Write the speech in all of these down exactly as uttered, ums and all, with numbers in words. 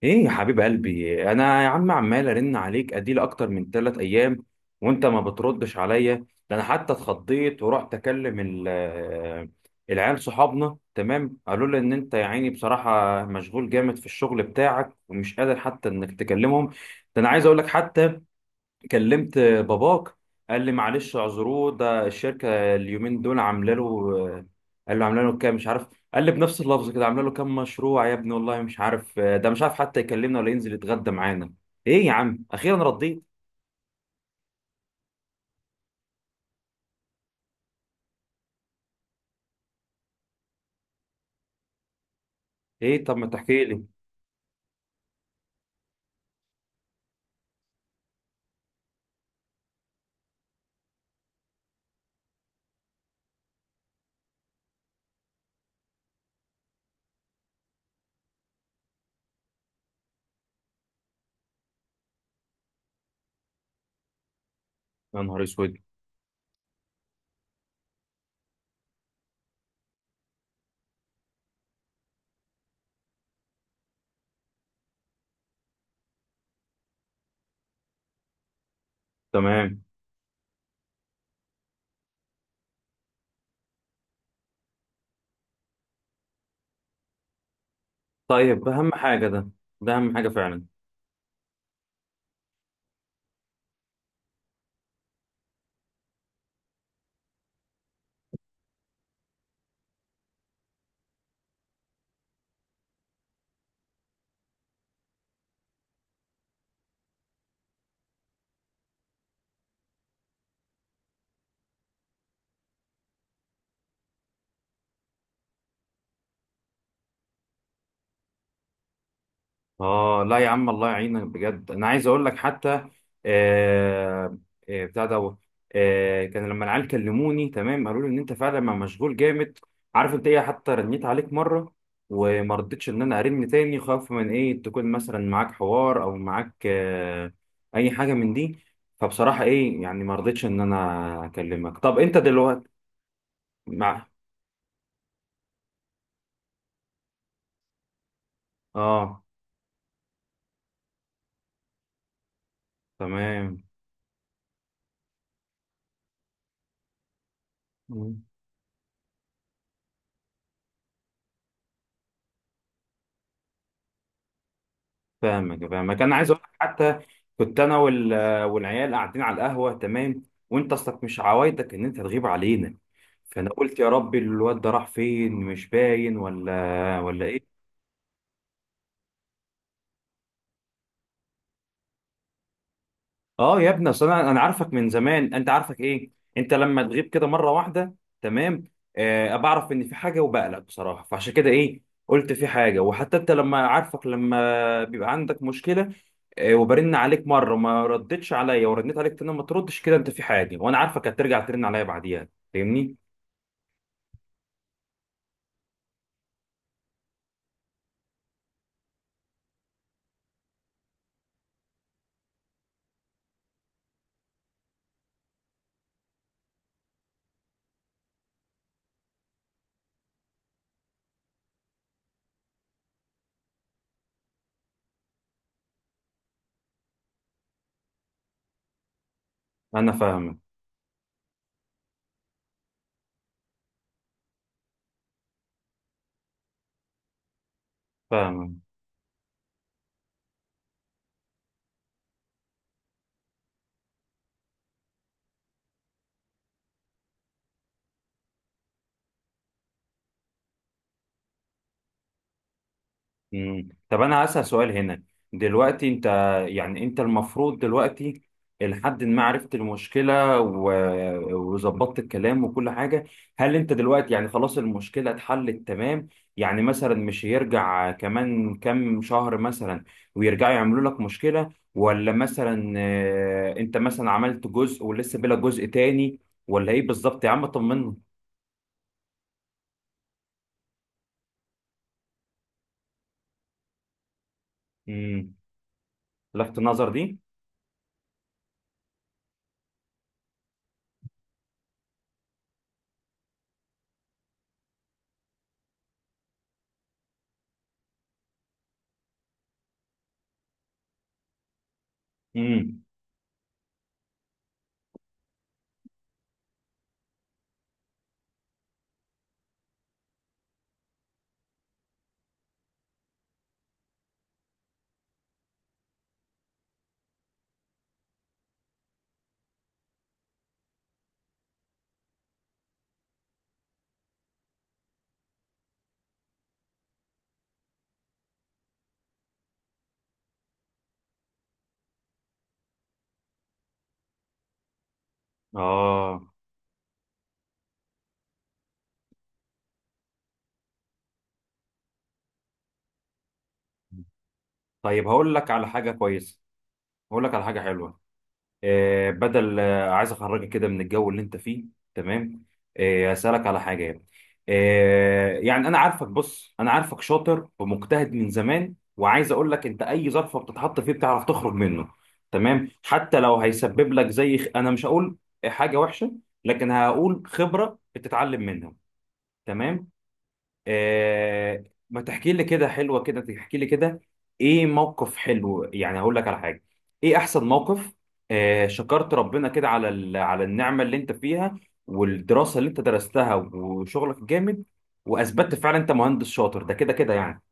ايه يا حبيب قلبي، انا يا عم عمال ارن عليك اديل اكتر من ثلاث ايام وانت ما بتردش عليا. ده انا حتى اتخضيت ورحت اكلم ال- آه، العيال صحابنا. تمام، قالوا لي ان انت يا عيني بصراحه مشغول جامد في الشغل بتاعك ومش قادر حتى انك تكلمهم. ده انا عايز اقول لك حتى كلمت باباك، قال لي معلش اعذروه، ده الشركه اليومين دول عامله له. قال له عامله له كام مش عارف. قال لي بنفس اللفظ كده: عامله له كام مشروع يا ابني والله مش عارف، ده مش عارف حتى يكلمنا ولا ينزل يتغدى معانا. ايه يا عم، اخيرا رديت؟ ايه، طب ما تحكي لي. يا نهار اسود. تمام. طيب، اهم حاجه ده. ده اهم حاجه فعلا. اه لا يا عم، الله يعينك بجد. انا عايز اقول لك حتى آه آه، بتاع دوت آه كان لما العيال كلموني. تمام، قالوا لي ان انت فعلا ما مشغول جامد. عارف انت ايه، حتى رنيت عليك مره، وما رضيتش ان انا ارن تاني خوف من ايه، تكون مثلا معاك حوار او معاك آه اي حاجه من دي. فبصراحه ايه يعني، ما رضيتش ان انا اكلمك. طب انت دلوقتي مع اه. تمام. فاهمك فاهمك. انا عايز اقول لك حتى، كنت انا وال... والعيال قاعدين على القهوه، تمام، وانت اصلك مش عوايدك ان انت تغيب علينا. فانا قلت يا ربي الواد ده راح فين، مش باين ولا ولا ايه. اه يا ابني، اصل انا انا عارفك من زمان، انت عارفك ايه. انت لما تغيب كده مره واحده، تمام، آه بعرف ان في حاجه وبقلق بصراحه، فعشان كده ايه، قلت في حاجه. وحتى انت لما عارفك لما بيبقى عندك مشكله، آه وبرن عليك مره وما ردتش عليا، ورنيت عليك تاني ما تردش، كده انت في حاجه، وانا عارفك هترجع ترن عليا بعديها. فاهمني؟ انا فاهمك فاهمك. مم. طب انا هسأل سؤال هنا، دلوقتي انت، يعني انت المفروض دلوقتي لحد ما عرفت المشكلة و- وظبطت الكلام وكل حاجة، هل انت دلوقتي يعني خلاص المشكلة اتحلت تمام؟ يعني مثلا مش هيرجع كمان كام شهر مثلا ويرجعوا يعملوا لك مشكلة، ولا مثلا آه، انت مثلا عملت جزء ولسه بلا جزء تاني؟ ولا ايه بالظبط يا عم، طمنا. مم. لفت النظر دي. امم. اه، طيب هقول لك على حاجة كويسة، هقول لك على حاجة حلوة. آه بدل آه عايز أخرجك كده من الجو اللي أنت فيه. تمام. آه أسألك على حاجة يعني. آه يعني أنا عارفك، بص أنا عارفك شاطر ومجتهد من زمان، وعايز أقول لك أنت أي ظرف بتتحط فيه بتعرف تخرج منه. تمام. حتى لو هيسبب لك زي خ- أنا مش هقول حاجة وحشة، لكن هقول خبرة بتتعلم منها. تمام. آه، ما تحكي لي كده حلوة، كده تحكي لي كده. ايه، موقف حلو يعني، هقول لك على حاجة. ايه احسن موقف، آه، شكرت ربنا كده على ال- على النعمة اللي انت فيها والدراسة اللي انت درستها وشغلك الجامد، واثبتت فعلا انت مهندس شاطر، ده كده كده يعني.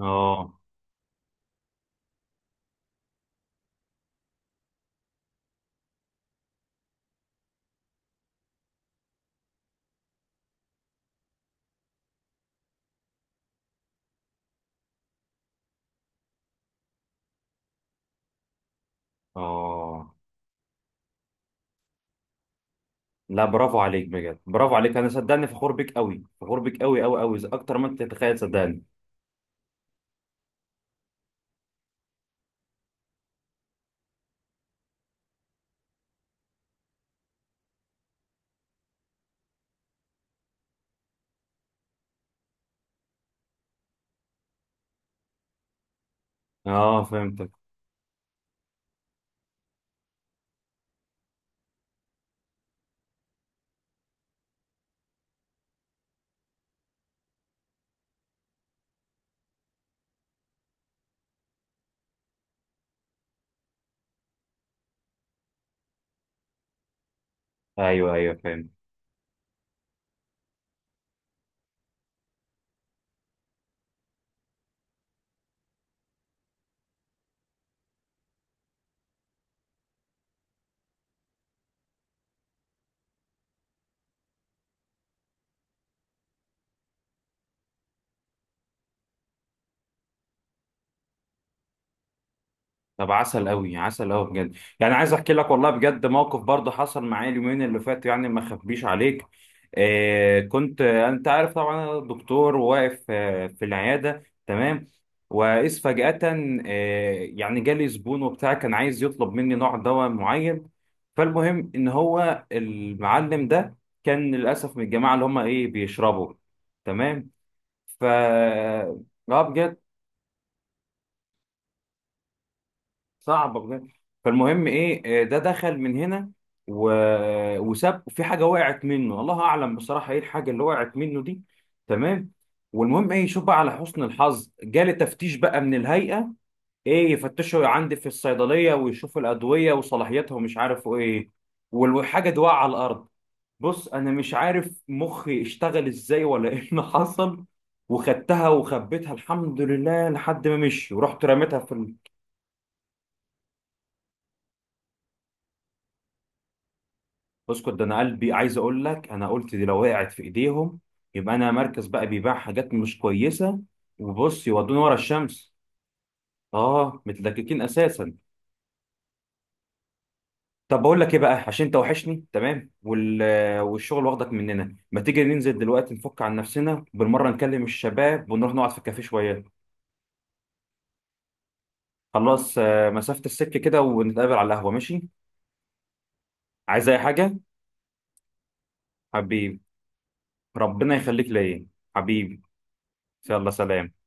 اه اه، لا، برافو عليك بجد، برافو عليك. انا صدقني فخور بيك قوي، فخور بيك قوي قوي قوي اكتر ما انت تتخيل، صدقني. اه فهمتك. ايوه ايوه فهمت. طب عسل قوي، عسل قوي بجد. يعني عايز احكي لك والله بجد، موقف برضه حصل معايا اليومين اللي فاتوا يعني، ما اخبيش عليك. آه كنت آه، انت عارف طبعا انا دكتور واقف آه في العياده، تمام. واذ فجاه آه يعني جالي زبون وبتاع كان عايز يطلب مني نوع دواء معين. فالمهم ان هو المعلم ده كان للاسف من الجماعه اللي هم ايه، بيشربوا. تمام. ف اه، بجد صعبه بجد. فالمهم ايه، آه، ده دخل من هنا و... وساب في حاجه وقعت منه، الله اعلم بصراحه ايه الحاجه اللي وقعت منه دي. تمام. والمهم ايه، شوف بقى، على حسن الحظ جالي تفتيش بقى من الهيئه، ايه يفتشوا عندي في الصيدليه ويشوفوا الادويه وصلاحيتها ومش عارف ايه، والحاجه دي واقعه على الارض. بص انا مش عارف مخي اشتغل ازاي ولا ايه اللي حصل، وخدتها وخبيتها الحمد لله لحد ما مشي، ورحت رميتها في. اسكت، ده انا قلبي، عايز اقول لك انا قلت دي لو وقعت في ايديهم يبقى انا مركز بقى بيبيع حاجات مش كويسه، وبص يودوني ورا الشمس. اه، متلككين اساسا. طب بقول لك ايه بقى، عشان انت وحشني، تمام وال... والشغل واخدك مننا، ما تيجي ننزل دلوقتي نفك عن نفسنا بالمره، نكلم الشباب ونروح نقعد في الكافيه شويه. خلاص، آه، مسافه السكه كده ونتقابل على القهوه، ماشي. عايز اي حاجه؟ حبيبي، ربنا يخليك ليا. حبيبي، يلا سلام.